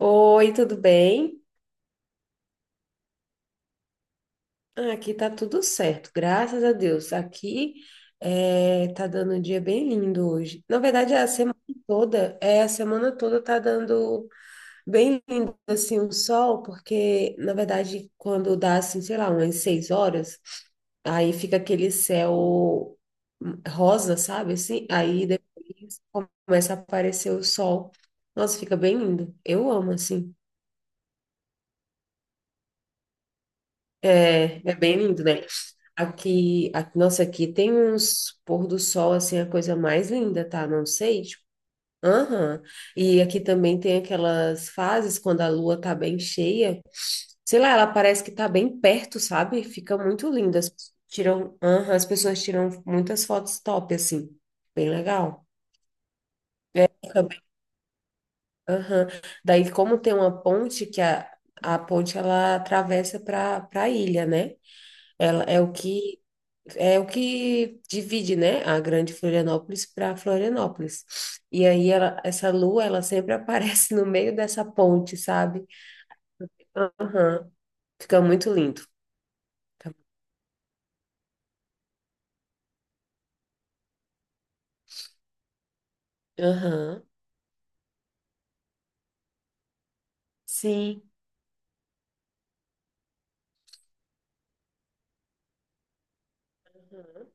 Oi, tudo bem? Ah, aqui tá tudo certo, graças a Deus. Aqui tá dando um dia bem lindo hoje. Na verdade, a semana toda tá dando bem lindo assim o sol, porque na verdade quando dá assim, sei lá, umas 6 horas, aí fica aquele céu rosa, sabe? Assim, aí depois começa a aparecer o sol. Nossa, fica bem lindo. Eu amo assim. É, é bem lindo, né? Aqui, nossa, aqui tem uns pôr do sol, assim, a coisa mais linda, tá? Não sei, tipo, aham. E aqui também tem aquelas fases quando a lua tá bem cheia, sei lá, ela parece que tá bem perto, sabe? Fica muito linda. Aham, as pessoas tiram muitas fotos top, assim, bem legal. Fica bem- Aham. Daí, como tem uma ponte, que a ponte, ela atravessa para a ilha, né? Ela é o que divide, né, a Grande Florianópolis para Florianópolis. E aí ela, essa lua, ela sempre aparece no meio dessa ponte, sabe? Aham. Fica muito lindo. Aham. Sim. Aham.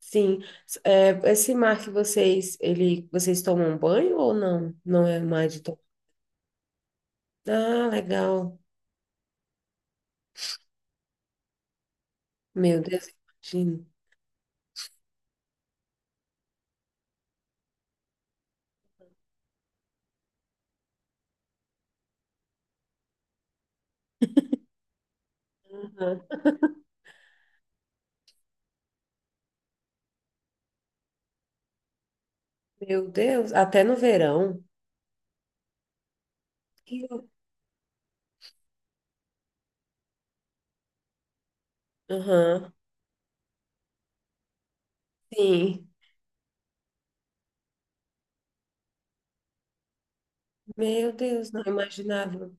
Sim. É, esse mar, vocês tomam banho ou não? Não é mar de tomar. Ah, legal. Meu Deus, imagino. Aham. Meu Deus, até no verão. Que lou- Aham. Sim. Meu Deus, não imaginava.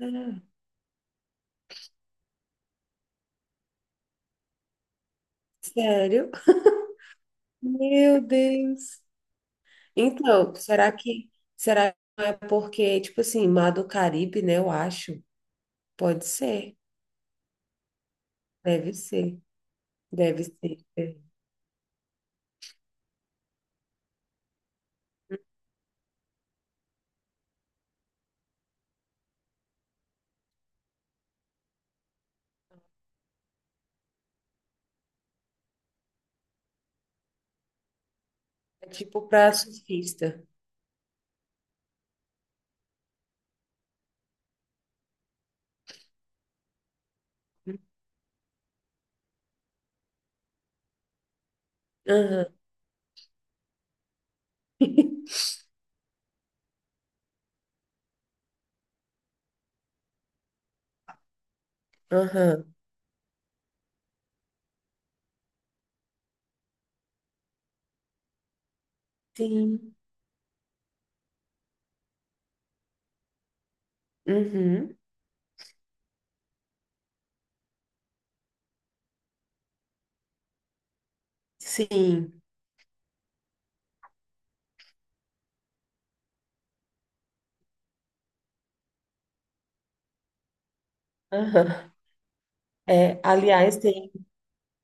Ah, sério? Meu Deus. Então, será que não é porque, tipo assim, Mar do Caribe, né? Eu acho. Pode ser. Deve ser. Deve ser. É tipo pra surfista. Aham. Aham. Sim. Uhum. Sim. Aham. É, aliás, tem,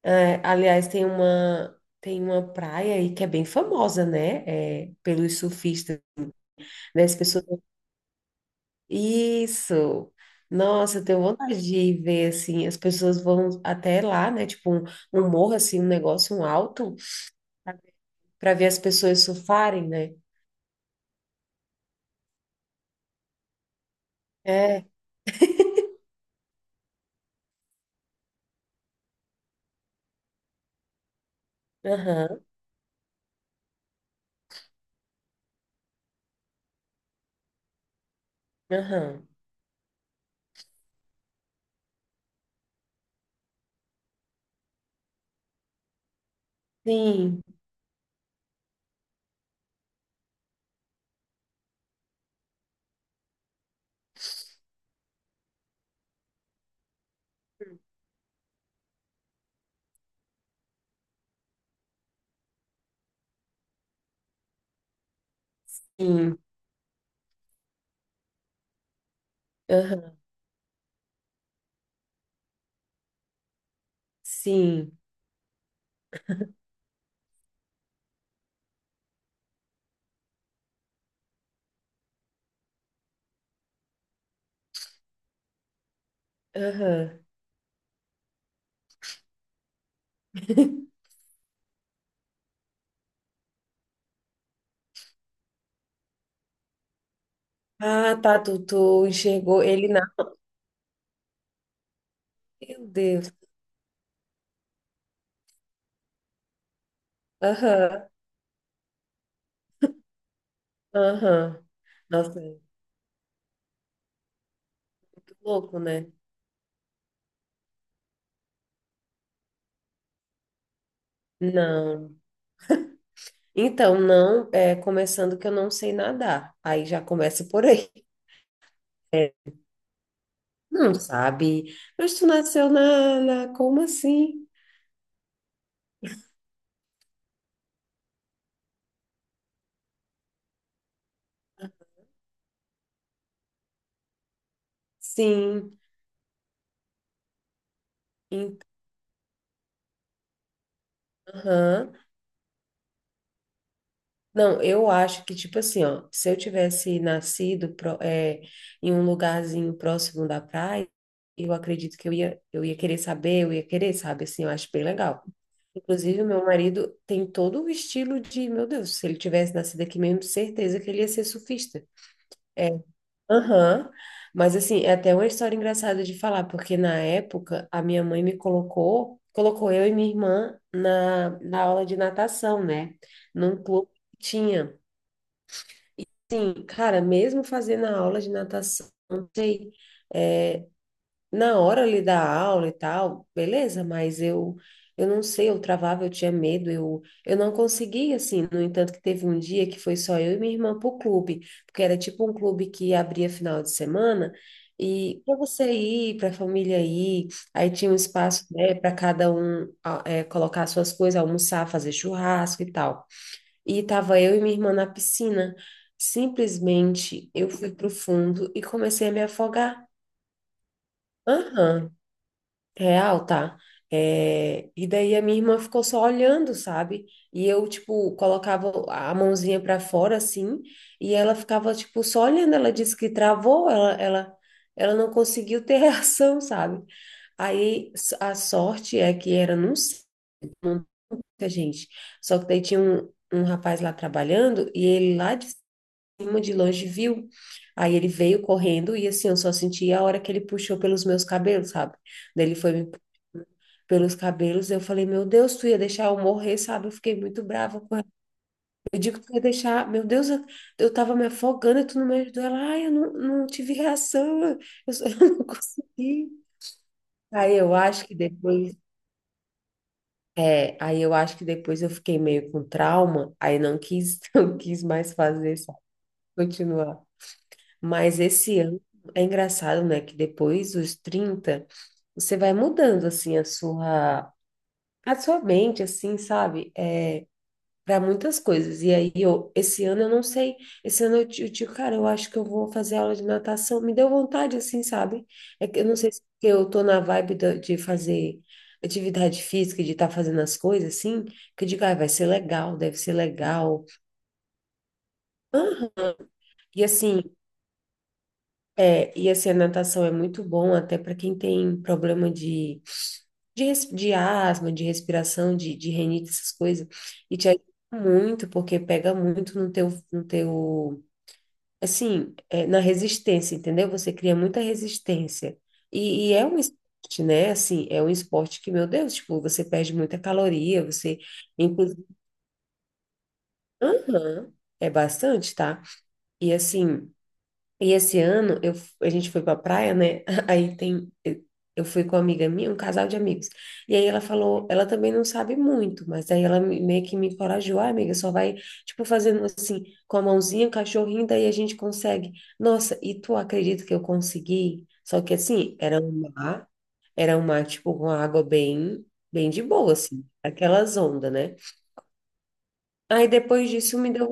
é, aliás, tem uma praia aí que é bem famosa, né? É, pelos surfistas, né? As pessoas Isso. Nossa, eu tenho vontade de ver, assim, as pessoas vão até lá, né? Tipo, um morro, assim, um negócio, um alto, para ver as pessoas surfarem, né? É, aham, aham. Sim, sim, aham, sim, aham. Ah, tá, tu enxergou ele na. Meu Deus. Aham, aham. Nossa, é muito louco, né? Não. Então, não, começando que eu não sei nadar. Aí já começa por aí. É. Não sabe? Mas tu nasceu na. Como assim? Sim. Então, aham. Não, eu acho que, tipo assim, ó, se eu tivesse nascido em um lugarzinho próximo da praia, eu acredito que eu ia querer saber, eu ia querer, sabe? Assim, eu acho bem legal. Inclusive, o meu marido tem todo o estilo de, meu Deus, se ele tivesse nascido aqui mesmo, certeza que ele ia ser surfista. É. Aham. Mas assim, é até uma história engraçada de falar, porque na época a minha mãe me colocou eu e minha irmã na aula de natação, né? Num clube que tinha. E assim, cara, mesmo fazendo a aula de natação, não sei. é, Na hora ali da aula e tal, beleza, mas eu não sei, eu travava, eu tinha medo, eu não conseguia assim. No entanto, que teve um dia que foi só eu e minha irmã pro clube, porque era tipo um clube que abria final de semana e para você ir, para a família ir, aí tinha um espaço, né, para cada um colocar suas coisas, almoçar, fazer churrasco e tal. E tava eu e minha irmã na piscina. Simplesmente eu fui pro fundo e comecei a me afogar. Aham. Real, tá? É, e daí a minha irmã ficou só olhando, sabe? E eu, tipo, colocava a mãozinha pra fora, assim, e ela ficava, tipo, só olhando. Ela disse que travou, ela não conseguiu ter reação, sabe? A sorte é que era num cerca, gente. Só que daí tinha um rapaz lá trabalhando e ele lá de cima, de longe, viu. Aí ele veio correndo e, assim, eu só senti a hora que ele puxou pelos meus cabelos, sabe? Daí ele foi me pelos cabelos. Eu falei, meu Deus, tu ia deixar eu morrer, sabe? Eu fiquei muito brava com ela. Eu digo, tu ia deixar, meu Deus, eu tava me afogando e tu não me ajudou. Ela, ai, eu não tive reação, eu não consegui. Aí eu acho que depois, Aí eu acho que depois eu fiquei meio com trauma, aí não quis, não quis mais fazer, sabe? Continuar. Mas esse ano é engraçado, né? Que depois dos 30 você vai mudando assim a sua mente, assim, sabe? É, para muitas coisas. E aí, eu, esse ano eu não sei, esse ano eu, eu digo, cara, eu acho que eu vou fazer aula de natação. Me deu vontade, assim, sabe? É que eu não sei se porque eu tô na vibe de fazer atividade física, de estar fazendo as coisas, assim, que eu digo, ah, vai ser legal, deve ser legal. Aham. E assim, a natação é muito bom até para quem tem problema de, de asma, de respiração, de rinite, essas coisas. E te ajuda muito, porque pega muito no teu, no teu assim, é, na resistência, entendeu? Você cria muita resistência. E é um esporte, né? Assim, é um esporte que, meu Deus, tipo, você perde muita caloria, você, inclusive, aham, é bastante, tá? E assim, e esse ano a gente foi pra praia, né? Aí tem. Eu fui com uma amiga minha, um casal de amigos. E aí ela falou, ela também não sabe muito, mas aí ela meio que me encorajou, ah, amiga, só vai, tipo, fazendo assim, com a mãozinha, o cachorrinho, daí a gente consegue. Nossa, e tu acredita que eu consegui? Só que assim, era um mar, tipo, com a água bem, bem de boa, assim, aquelas ondas, né? Aí depois disso me deu.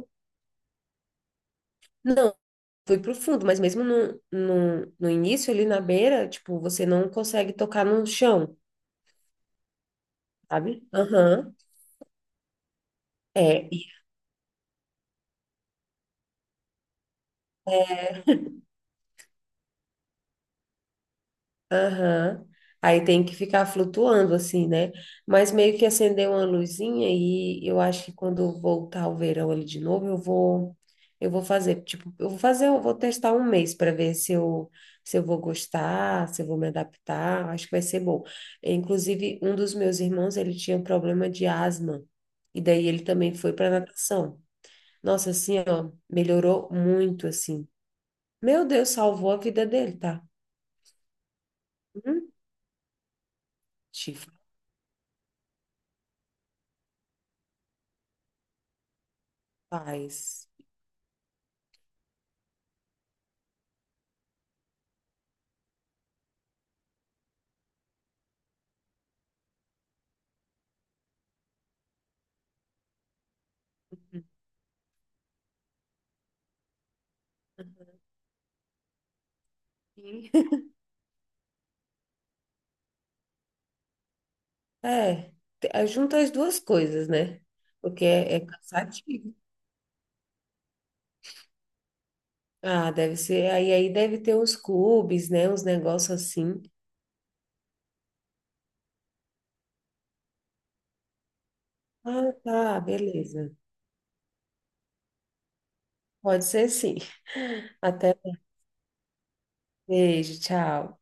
Fui pro fundo, mas mesmo no início, ali na beira, tipo, você não consegue tocar no chão, sabe? Aham. É. Aham. Aí tem que ficar flutuando assim, né? Mas meio que acender uma luzinha e eu acho que quando voltar o verão ali de novo, eu vou fazer, tipo, eu vou fazer, eu vou testar um mês para ver se eu vou gostar, se eu vou me adaptar, acho que vai ser bom. Inclusive, um dos meus irmãos, ele tinha um problema de asma e daí ele também foi para natação. Nossa, assim, ó, melhorou muito assim. Meu Deus, salvou a vida dele, tá? Hum, te faz. E- É, aí junta as duas coisas, né? Porque é cansativo. Ah, deve ser. Aí deve ter uns clubes, né? Uns negócios assim. Ah, tá, beleza. Pode ser sim. Até. Beijo, tchau.